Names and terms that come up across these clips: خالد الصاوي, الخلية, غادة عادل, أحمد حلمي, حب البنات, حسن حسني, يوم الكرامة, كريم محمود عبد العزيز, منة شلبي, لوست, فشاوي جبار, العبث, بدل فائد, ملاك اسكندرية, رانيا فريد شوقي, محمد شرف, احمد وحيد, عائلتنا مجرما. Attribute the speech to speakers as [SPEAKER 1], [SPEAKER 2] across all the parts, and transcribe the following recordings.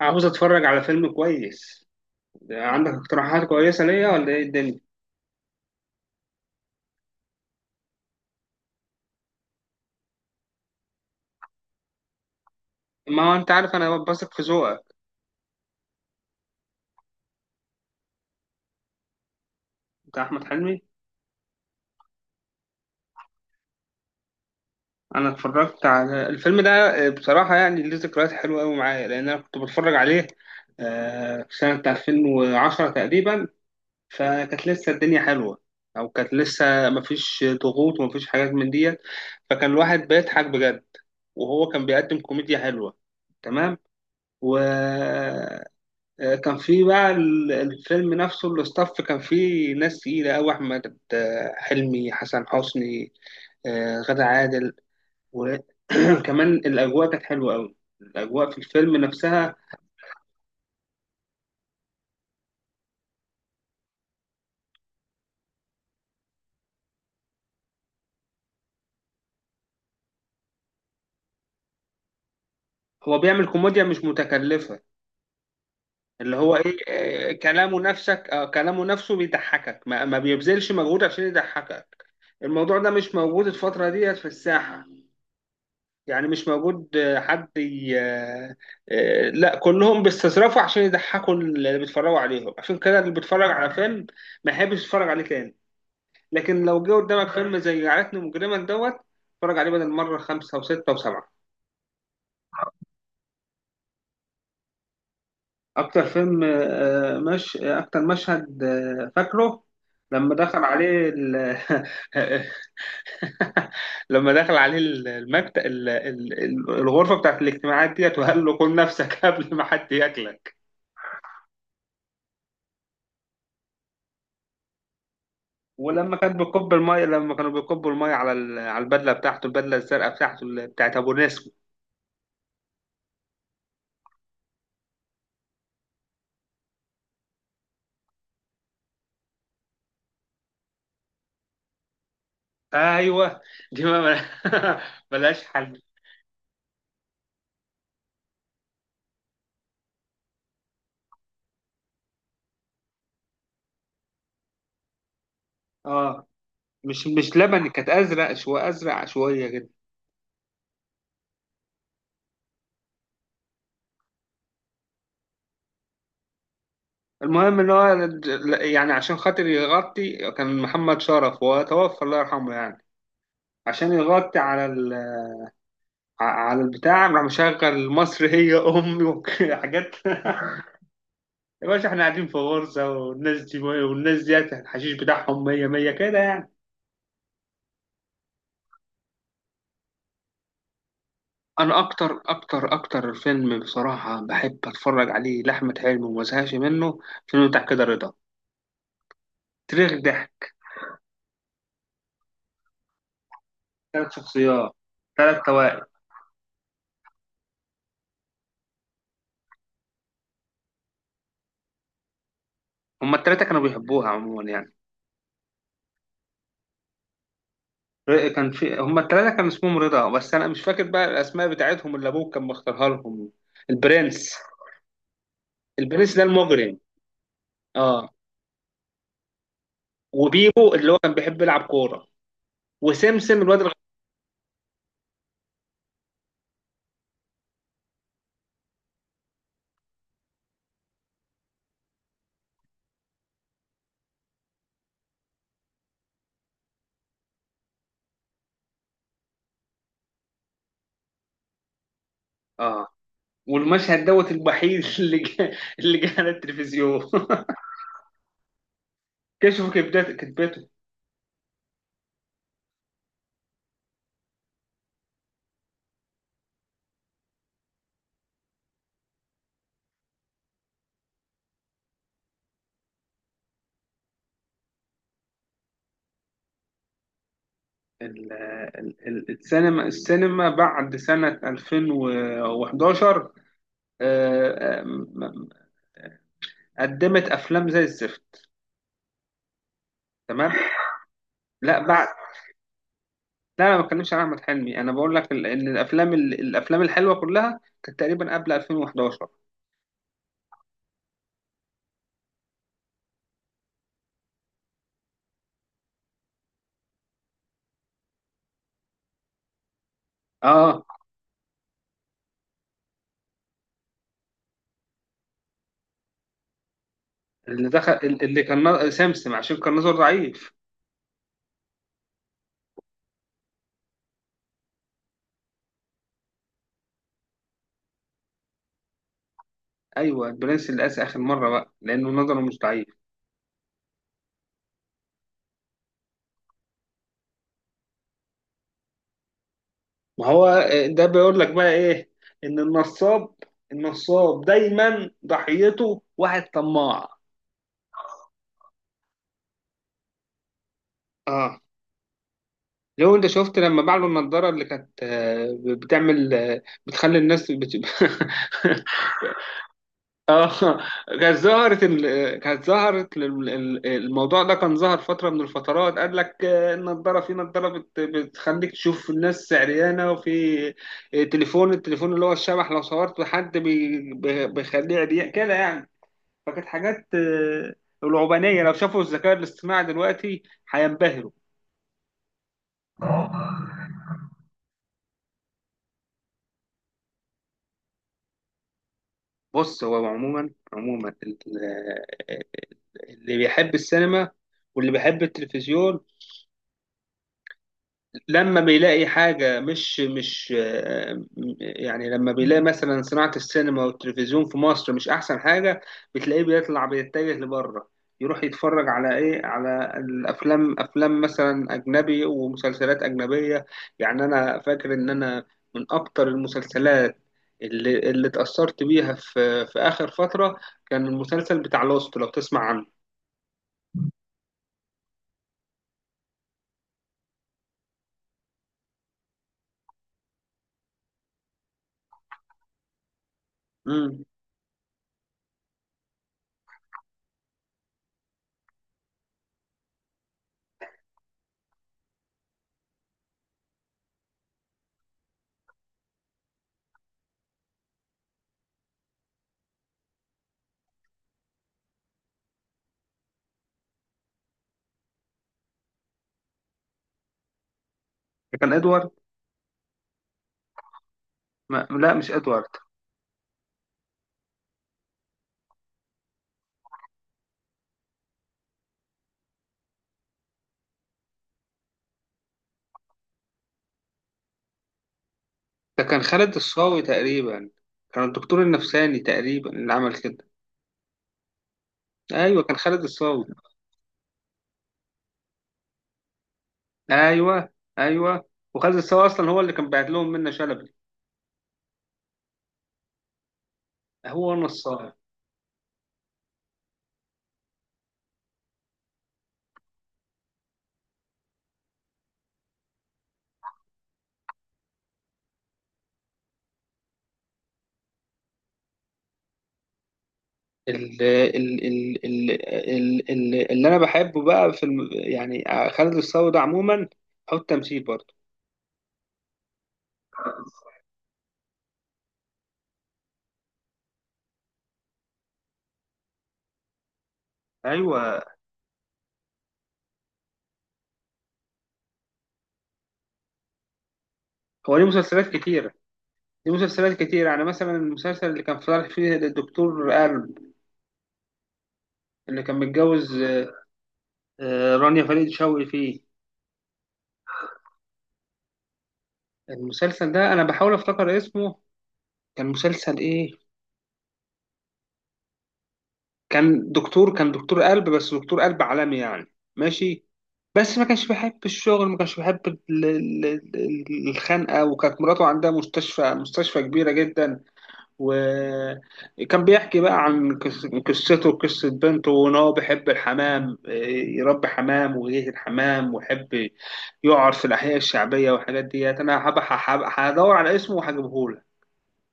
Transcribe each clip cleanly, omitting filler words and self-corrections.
[SPEAKER 1] عاوز اتفرج على فيلم كويس. عندك اقتراحات كويسة ليا ولا ايه الدنيا؟ ما هو انت عارف انا بثق في ذوقك. بتاع احمد حلمي. انا اتفرجت على الفيلم ده. بصراحة يعني ليه ذكريات حلوة قوي معايا لان انا كنت بتفرج عليه في سنة 2010 تقريبا. فكانت لسه الدنيا حلوة او كانت لسه مفيش ضغوط ومفيش حاجات من ديت. فكان الواحد بيضحك بجد وهو كان بيقدم كوميديا حلوة. تمام. و كان في بقى الفيلم نفسه الاستاف كان فيه ناس تقيلة أوي أحمد حلمي، حسن حسني، غادة عادل. وكمان الأجواء كانت حلوة أوي، الأجواء في الفيلم نفسها. هو بيعمل كوميديا مش متكلفة. اللي هو إيه، كلامه نفسك، كلامه نفسه بيضحكك، ما بيبذلش مجهود عشان يضحكك. الموضوع ده مش موجود الفترة ديت في الساحة. يعني مش موجود. حد ي... آه، لا كلهم بيستظرفوا عشان يضحكوا اللي بيتفرجوا عليهم، عشان كده اللي بيتفرج على فيلم ما يحبش يتفرج عليه تاني. لكن لو جه قدامك فيلم زي عائلتنا مجرما دوت، اتفرج عليه بدل مرة خمسة وستة وسبعة. أكتر فيلم مش أكتر مشهد فاكره، لما دخل عليه لما دخل عليه المكتب، الغرفة بتاعت الاجتماعات ديت، وقال له كل نفسك قبل ما حد ياكلك. ولما كان بيكب المية، لما كانوا بيكبوا المية على على البدلة بتاعته، البدلة الزرقاء بتاعته، بتاعت أبو نسمة. أيوه، دي ما ملهاش حل. اه، مش لبني، كانت أزرق شوية، أزرق شوية كده. المهم إن هو يعني عشان خاطر يغطي، كان محمد شرف وهو توفى الله يرحمه يعني، عشان يغطي على على البتاع، راح مشغل مصر هي أمي وحاجات يا باشا احنا قاعدين في غرزة، والناس دي والناس ديت الحشيش بتاعهم مية مية كده يعني. انا اكتر فيلم بصراحه بحب اتفرج عليه لاحمد حلمي وما زهقش منه، فيلم بتاع كده رضا، تاريخ ضحك. ثلاث شخصيات، ثلاث توائم. هما الثلاثه كانوا بيحبوها عموما يعني. كان في هما الثلاثه كان اسمهم رضا، بس انا مش فاكر بقى الاسماء بتاعتهم اللي ابوه كان مختارها لهم. البرنس، البرنس ده المجرم. اه. وبيبو اللي هو كان بيحب يلعب كوره، وسمسم الواد اه. والمشهد دوت الوحيد اللي جه، اللي جه على التلفزيون كشفوا كبدات كتبته. ال- السينما، السينما بعد سنة 2011، آه، آه، م- قدمت أفلام زي الزفت. تمام. لا بعد، لا أنا ما بتكلمش عن أحمد حلمي، أنا بقول لك إن الأفلام الأفلام الحلوة كلها كانت تقريبا قبل 2011. أه. اللي دخل اللي كان سمسم، عشان كان نظره ضعيف. أيوه، البرنس اللي قاس آخر مرة بقى لأنه نظره مش ضعيف. ما هو ده بيقول لك بقى ايه، ان النصاب، النصاب دايما ضحيته واحد طماع. اه. لو انت شفت لما باع له النضاره اللي كانت بتعمل بتخلي الناس اه، كانت ظهرت كانت ظهرت الموضوع ده كان ظهر فتره من الفترات، قال لك النضاره، في نضاره بتخليك تشوف الناس عريانه، وفي تليفون، التليفون اللي هو الشبح، لو صورت حد بيخليه عريان كده يعني. فكانت حاجات العبانية. لو شافوا الذكاء الاصطناعي دلوقتي هينبهروا. بص، هو عموما، عموما آه، آه، اللي بيحب السينما واللي بيحب التلفزيون لما بيلاقي حاجة مش يعني لما بيلاقي مثلا صناعة السينما والتلفزيون في مصر مش أحسن حاجة، بتلاقيه بيطلع، بيتجه لبره، يروح يتفرج على إيه، على الأفلام، أفلام مثلا أجنبي ومسلسلات أجنبية. يعني أنا فاكر إن أنا من أكتر المسلسلات اللي اتأثرت بيها في في آخر فترة، كان المسلسل بتاع لوست، لو تسمع عنه. امم كان إدوارد. ما لا، مش إدوارد. ده كان خالد الصاوي تقريبا، كان الدكتور النفساني تقريبا اللي عمل كده. ايوه كان خالد الصاوي. ايوه، ايوه. وخالد الصاوي اصلا هو اللي كان بعت لهم منة شلبي. هو نصاب. ال- ال- ال- ال- اللي انا بحبه بقى في يعني خالد الصاوي ده عموما هو التمثيل برضه. ايوه. هو ليه مسلسلات كتيره، ليه مسلسلات كتيره. يعني مثلا المسلسل اللي كان طالع فيه الدكتور قلب، اللي كان متجوز رانيا فريد شوقي فيه. المسلسل ده انا بحاول افتكر اسمه، كان مسلسل ايه؟ كان دكتور، كان دكتور قلب، بس دكتور قلب عالمي يعني. ماشي. بس ما كانش بيحب الشغل، ما كانش بيحب ال- الخنقه. وكانت مراته عندها مستشفى، مستشفى كبيره جدا. وكان بيحكي بقى عن قصته وقصه بنته، وان هو بيحب الحمام إيه، يربي حمام ويجيه الحمام، ويحب يقعد في الاحياء الشعبيه والحاجات ديت. انا هدور على اسمه وهجيبهولك.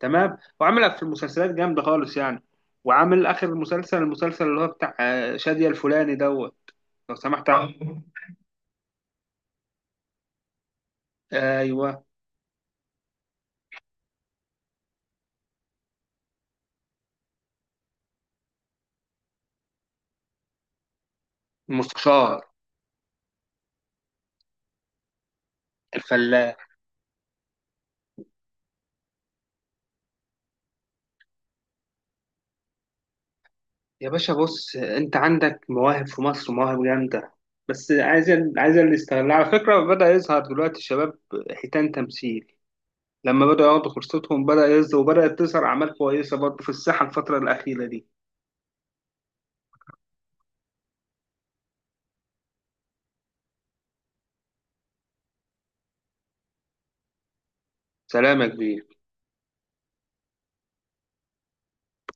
[SPEAKER 1] تمام. وعمل في المسلسلات جامده خالص يعني. وعامل اخر مسلسل، المسلسل اللي هو بتاع شادية الفلاني دوت، لو سمحت عنه. ايوه، المستشار، الفلاح. يا باشا بص، انت عندك مواهب في مصر، مواهب جامده. بس عايز، عايز اللي يستغلها. على فكره بدا يظهر دلوقتي الشباب، حيتان تمثيل، لما بداوا ياخدوا فرصتهم بدا يظهر، وبدات تظهر اعمال كويسه برضه في الساحه الفتره الاخيره دي. سلام يا كبير.